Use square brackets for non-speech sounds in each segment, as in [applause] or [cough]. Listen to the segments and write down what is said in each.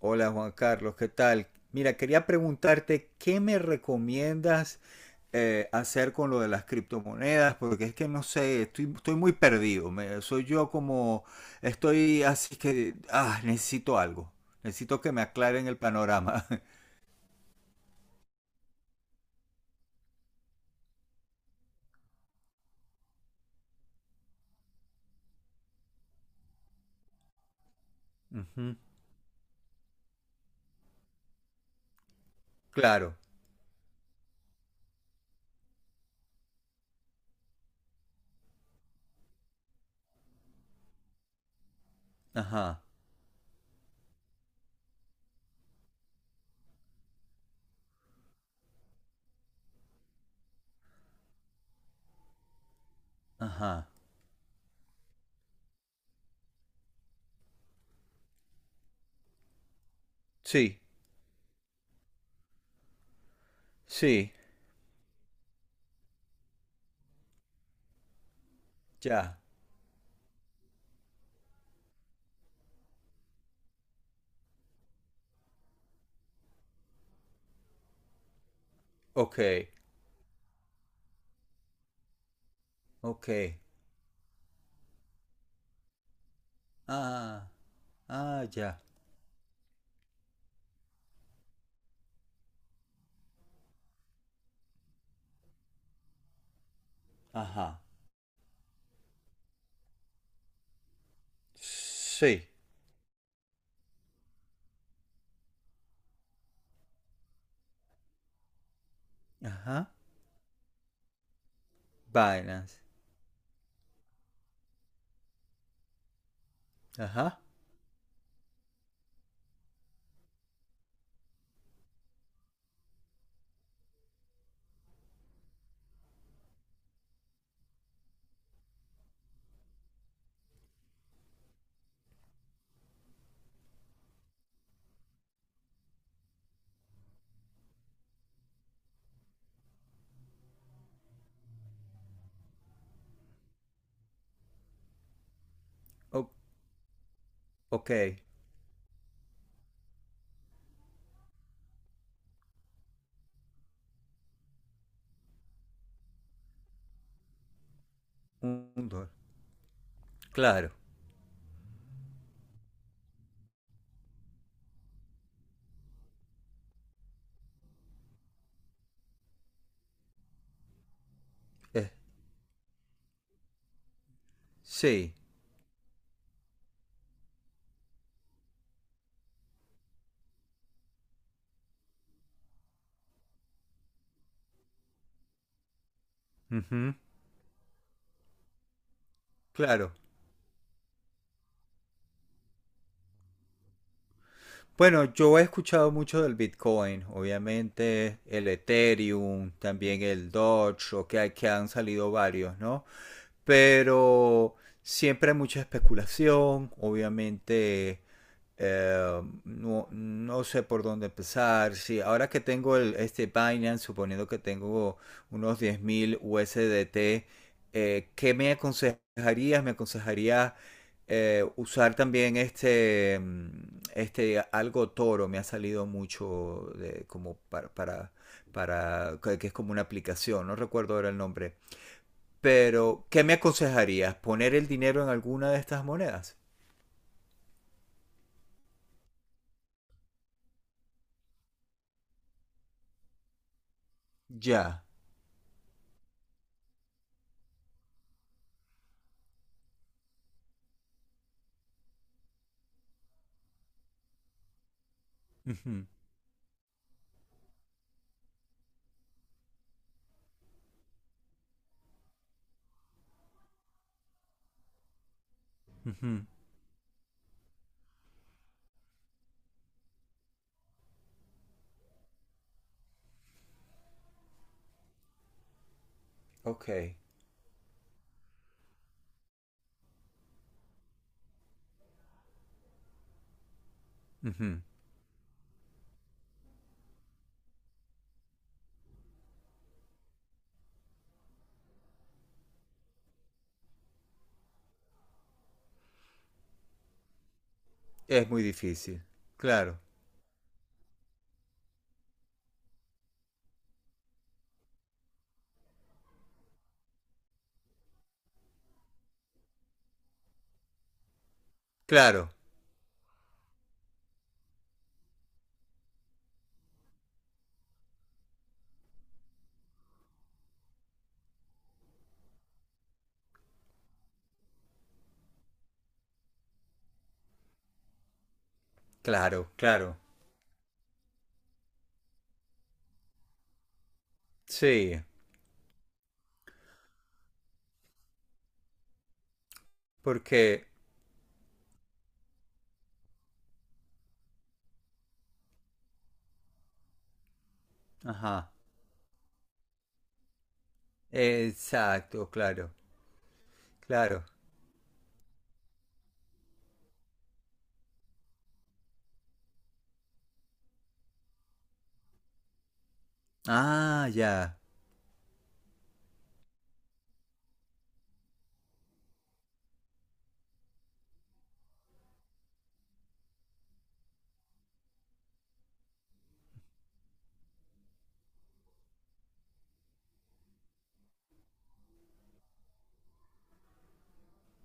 Hola Juan Carlos, ¿qué tal? Mira, quería preguntarte qué me recomiendas hacer con lo de las criptomonedas, porque es que no sé, estoy muy perdido. Soy yo como, estoy así que, necesito algo. Necesito que me aclaren el panorama. [laughs] Ujú. Claro. Ajá. Ajá. Sí. Sí. Ya. Ok. Ok. Ah. Ah, ya. Ajá. Sí. Ajá. Binance. Ajá. O- ok. Un dólar. Claro. Eh, sí. Ujú. Claro. Bueno, yo he escuchado mucho del Bitcoin, obviamente el Ethereum, también el Doge, que han salido varios, ¿no? Pero siempre hay mucha especulación, obviamente, no sé por dónde empezar. Sí, ahora que tengo este Binance, suponiendo que tengo unos 10.000 USDT, ¿qué me aconsejarías? ¿Me aconsejarías usar también este, este algo toro me ha salido mucho como para que es como una aplicación, no recuerdo ahora el nombre. Pero, ¿qué me aconsejarías? ¿Poner el dinero en alguna de estas monedas? Ya. Ujú. Ujú. Ok. Ujú. Es muy difícil. Claro, claro, claro, claro. Sí, porque… Ajá. Exacto, claro, claro. Ah, ya.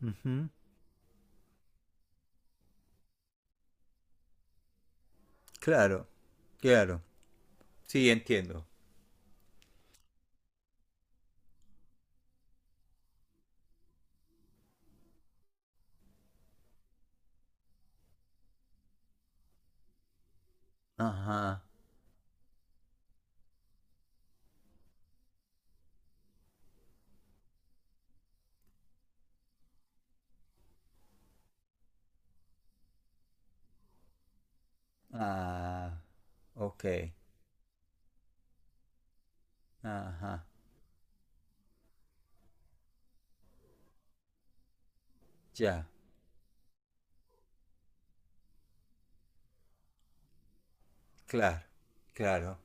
Ujú. Claro, claro. Sí, entiendo. Ajá. Ah, ok. Ajá. Ya. Claro, claro.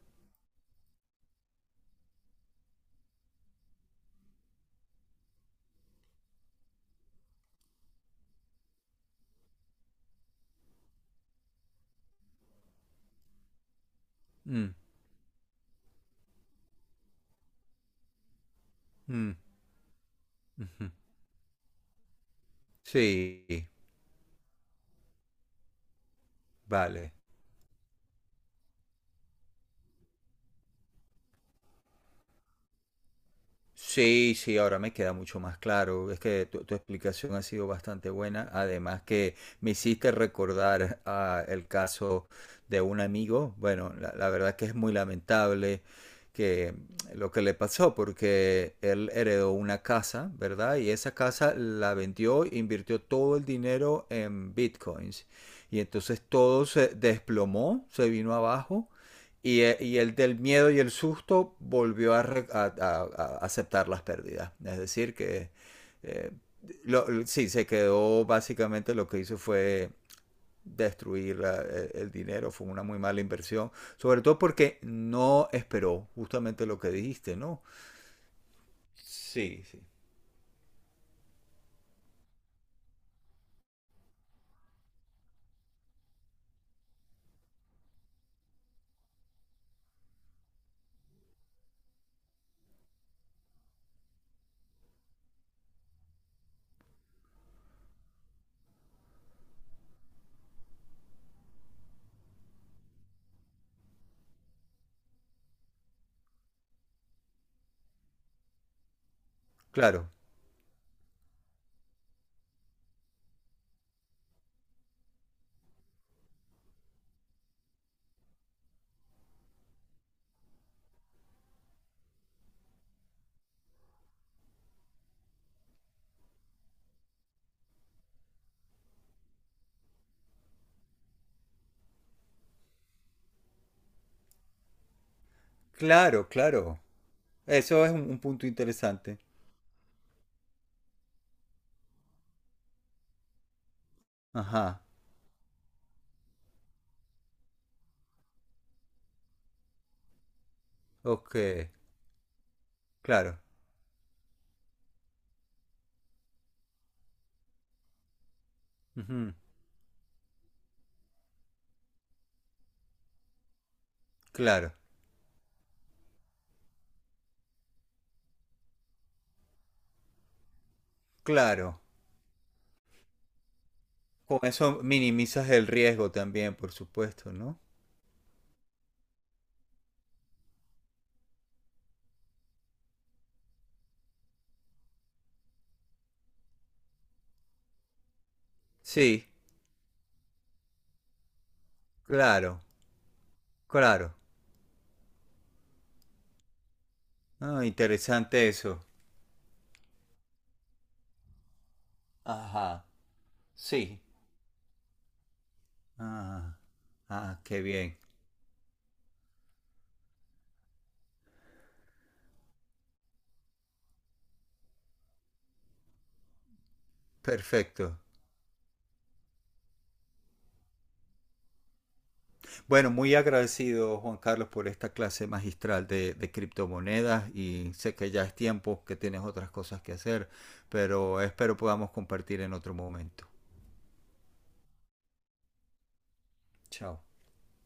Mm, mm, ujú. Sí, vale. Sí, sí, ahora me queda mucho más claro. Es que tu explicación ha sido bastante buena. Además que me hiciste recordar, el caso de un amigo. Bueno, la verdad que es muy lamentable que lo que le pasó porque él heredó una casa, ¿verdad? Y esa casa la vendió, invirtió todo el dinero en bitcoins. Y entonces todo se desplomó, se vino abajo y el del miedo y el susto volvió a, a aceptar las pérdidas. Es decir, que eh, sí, se quedó. Básicamente, lo que hizo fue destruir el dinero. Fue una muy mala inversión. Sobre todo porque no esperó justamente lo que dijiste, ¿no? Sí, sí. Claro, claro, claro. Eso es un punto interesante. Ajá, ok, claro, ujú, claro, claro. Con eso minimizas el riesgo también, por supuesto, ¿no? Sí, claro, claro. Ah, interesante eso. Ajá, sí. Ah, ah, qué bien. Perfecto. Bueno, muy agradecido, Juan Carlos, por esta clase magistral de criptomonedas y sé que ya es tiempo, que tienes otras cosas que hacer, pero espero podamos compartir en otro momento. Chao.